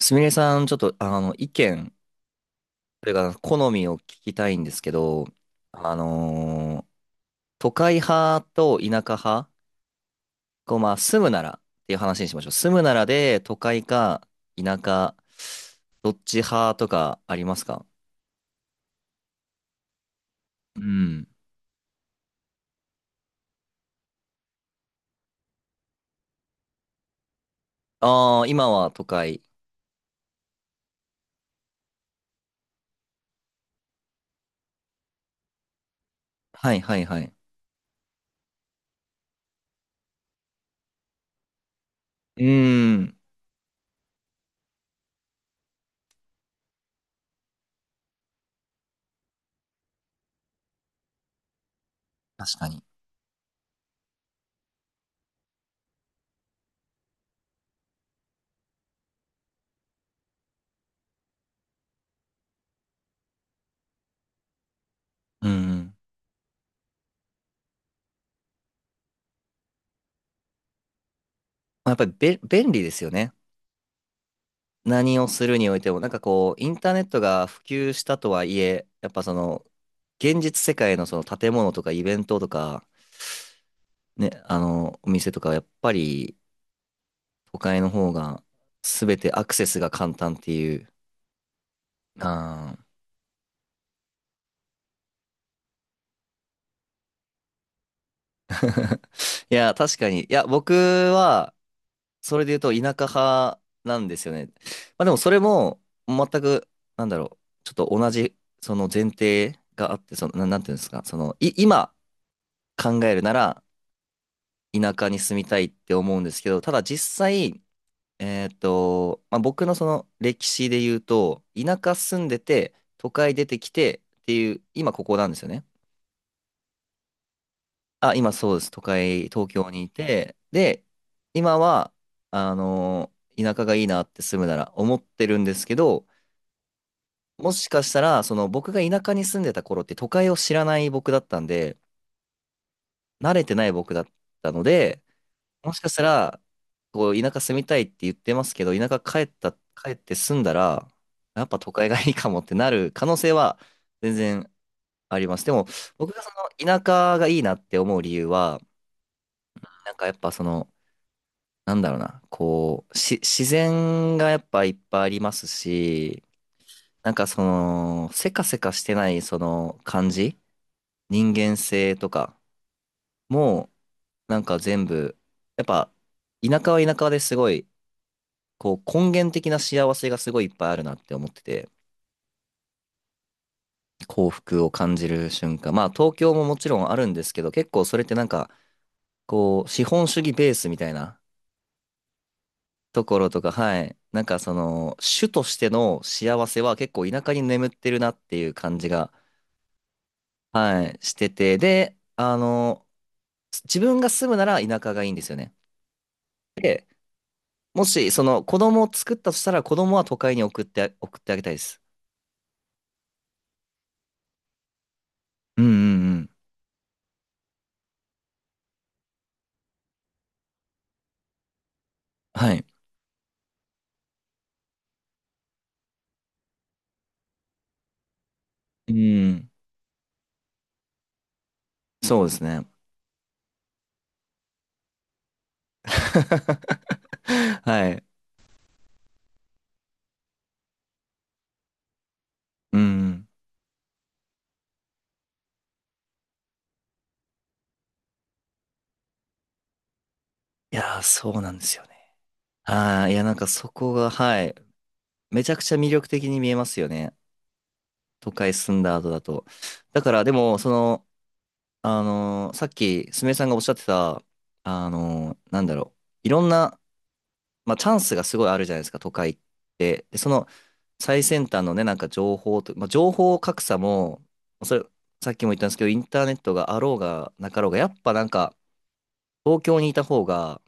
すみれさん、ちょっと、意見、それから好みを聞きたいんですけど、あのー都会派と田舎派、こう、まあ、住むならっていう話にしましょう。住むならで、都会か田舎、どっち派とかありますか？うん。ああ、今は都会。はいはいはい。うーん。確かに。うんうん。まあやっぱりべ、便利ですよね。何をするにおいても、なんかこう、インターネットが普及したとはいえ、やっぱその、現実世界のその建物とかイベントとか、ね、あの、お店とかはやっぱり都会の方が全てアクセスが簡単っていう。あー。 いや、確かに。いや、僕は、それで言うと田舎派なんですよね。まあでもそれも、全く、なんだろう、ちょっと同じ、その前提があって、その、なんていうんですか、その、今考えるなら、田舎に住みたいって思うんですけど、ただ実際、えっと、まあ、僕のその歴史で言うと、田舎住んでて、都会出てきてっていう、今ここなんですよね。あ、今そうです。都会、東京にいて、で、今は、あの、田舎がいいなって住むなら思ってるんですけど、もしかしたら、その僕が田舎に住んでた頃って都会を知らない僕だったんで、慣れてない僕だったので、もしかしたら、こう、田舎住みたいって言ってますけど、田舎帰った、帰って住んだら、やっぱ都会がいいかもってなる可能性は全然あります。でも、僕がその田舎がいいなって思う理由は、なんかやっぱその、なんだろうな、こう、自然がやっぱいっぱいありますし、なんかその、せかせかしてないその感じ、人間性とかも、なんか全部、やっぱ、田舎は田舎ですごい、こう根源的な幸せがすごいいっぱいあるなって思ってて、幸福を感じる瞬間。まあ東京ももちろんあるんですけど、結構それってなんか、こう資本主義ベースみたいなところとか、はい。なんかその、主としての幸せは結構田舎に眠ってるなっていう感じが、はい、してて。で、あの、自分が住むなら田舎がいいんですよね。で、もしその子供を作ったとしたら子供は都会に送って、送ってあげたいです。うんうんうん。はい。うん。そうですね。はい。うん。いやー、そうなんですよね。ああ、いや、なんかそこが、はい。めちゃくちゃ魅力的に見えますよね。都会住んだ後だと。だから、でも、その、あのーさっき、すみれさんがおっしゃってた、あのー、なんだろう。いろんな、まあ、チャンスがすごいあるじゃないですか、都会って。で、その、最先端のね、なんか情報と、まあ、情報格差も、それ、さっきも言ったんですけど、インターネットがあろうがなかろうが、やっぱなんか、東京にいた方が、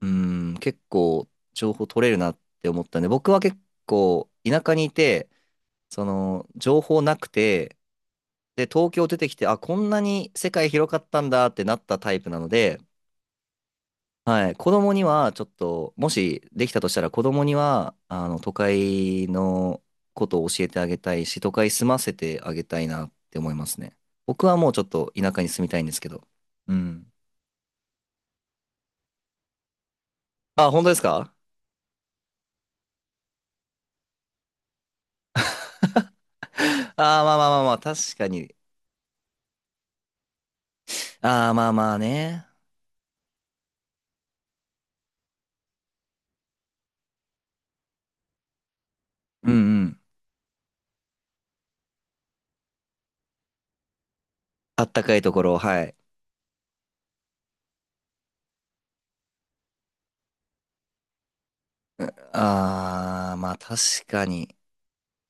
うん、結構情報取れるなって思ったんで、僕は結構田舎にいて、その情報なくて、で、東京出てきて、あ、こんなに世界広かったんだってなったタイプなので、はい、子供にはちょっと、もしできたとしたら子供には、あの、都会のことを教えてあげたいし、都会住ませてあげたいなって思いますね。僕はもうちょっと田舎に住みたいんですけど。うん。あ、本当ですか？あ。 あー、まあまあ、確かに。ああ、まあまあね。うんうん。あったかいところ、はい。あー、まあ確かに。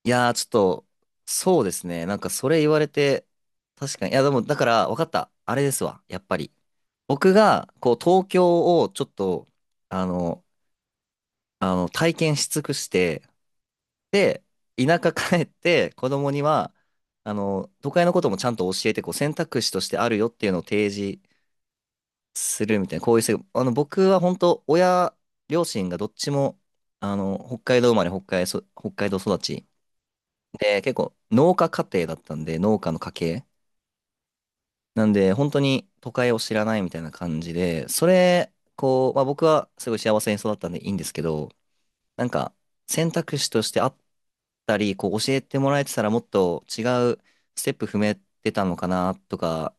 いやー、ちょっと、そうですね。なんかそれ言われて、確かに。いや、でも、だから、わかった。あれですわ。やっぱり。僕が、こう、東京をちょっと、あの、あの、体験し尽くして、で、田舎帰って、子供には、あの、都会のこともちゃんと教えて、こう、選択肢としてあるよっていうのを提示するみたいな、こういう制度。あの、僕は本当、親、両親がどっちも、あの、北海道生まれ、北海道育ち。で、結構、農家家庭だったんで、農家の家系。なんで、本当に都会を知らないみたいな感じで、それ、こう、まあ僕はすごい幸せに育ったんでいいんですけど、なんか、選択肢としてあったり、こう、教えてもらえてたらもっと違うステップ踏めてたのかな、とか、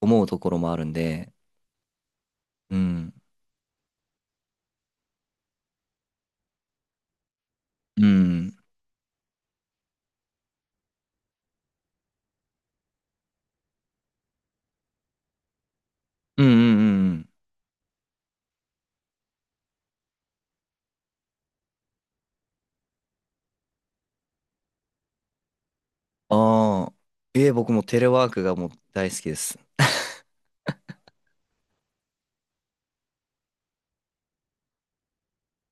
思うところもあるんで、うん。うん。うんうんうんうん。ああ。えー、僕もテレワークがもう大好きです。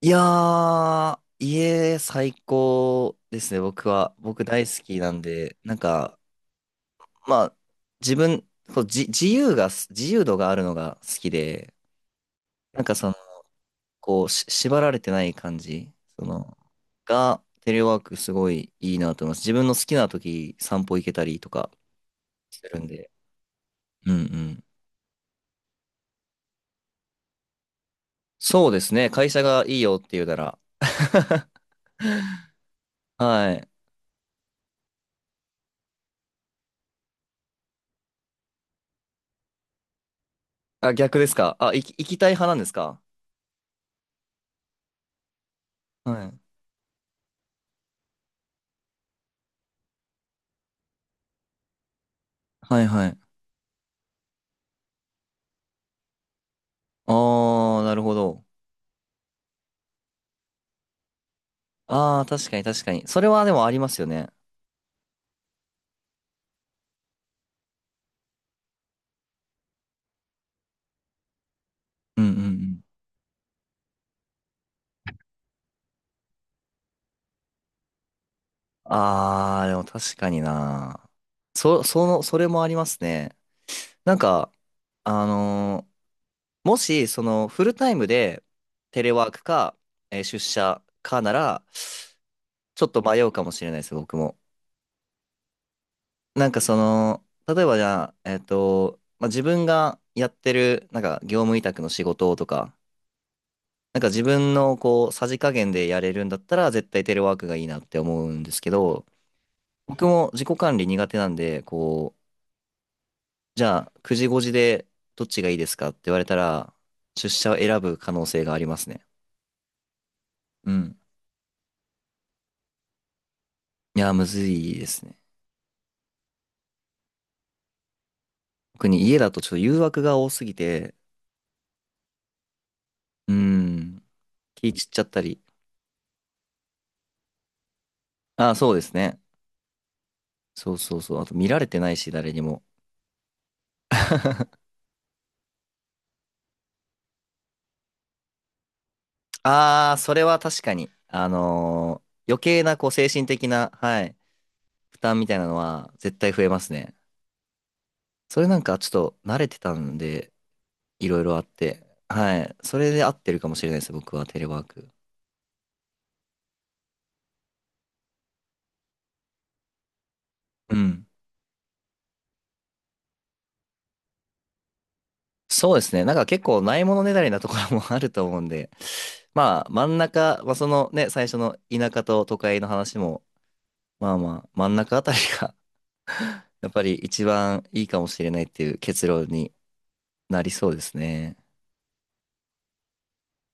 いやー、家最高ですね、僕は。僕大好きなんで、なんか、まあ、自分、こう、自由度があるのが好きで、なんかその、こう、縛られてない感じ、その、が、テレワークすごいいいなと思います。自分の好きな時、散歩行けたりとかするんで。うんうん。そうですね、会社がいいよって言うなら。はい。あ、逆ですか？あ、行きたい派なんですか？はい。はいはい。ああ、なるほど。ああ、確かに確かに。それはでもありますよね。うんうんうん。ああ、でも確かにな。その、それもありますね。なんか、あのー、もし、その、フルタイムでテレワークか、えー出社かなら、ちょっと迷うかもしれないです、僕も。なんかその、例えばじゃあ、えっと、まあ、自分がやってる、なんか業務委託の仕事とか、なんか自分のこう、さじ加減でやれるんだったら、絶対テレワークがいいなって思うんですけど、僕も自己管理苦手なんで、こう、じゃあ、9時5時でどっちがいいですかって言われたら、出社を選ぶ可能性がありますね。うん。いや、むずいですね。特に家だとちょっと誘惑が多すぎて、うん、気散っちゃったり。ああ、そうですね。そうそうそう。あと見られてないし、誰にも。ああ、それは確かに。あのー、余計なこう精神的な、はい、負担みたいなのは絶対増えますね。それなんかちょっと慣れてたんで、いろいろあって。はい。それで合ってるかもしれないです、僕はテレワーク。うん。そうですね。なんか結構ないものねだりなところも あると思うんで、まあ真ん中、まあそのね、最初の田舎と都会の話も、まあまあ真ん中あたりが やっぱり一番いいかもしれないっていう結論になりそうですね。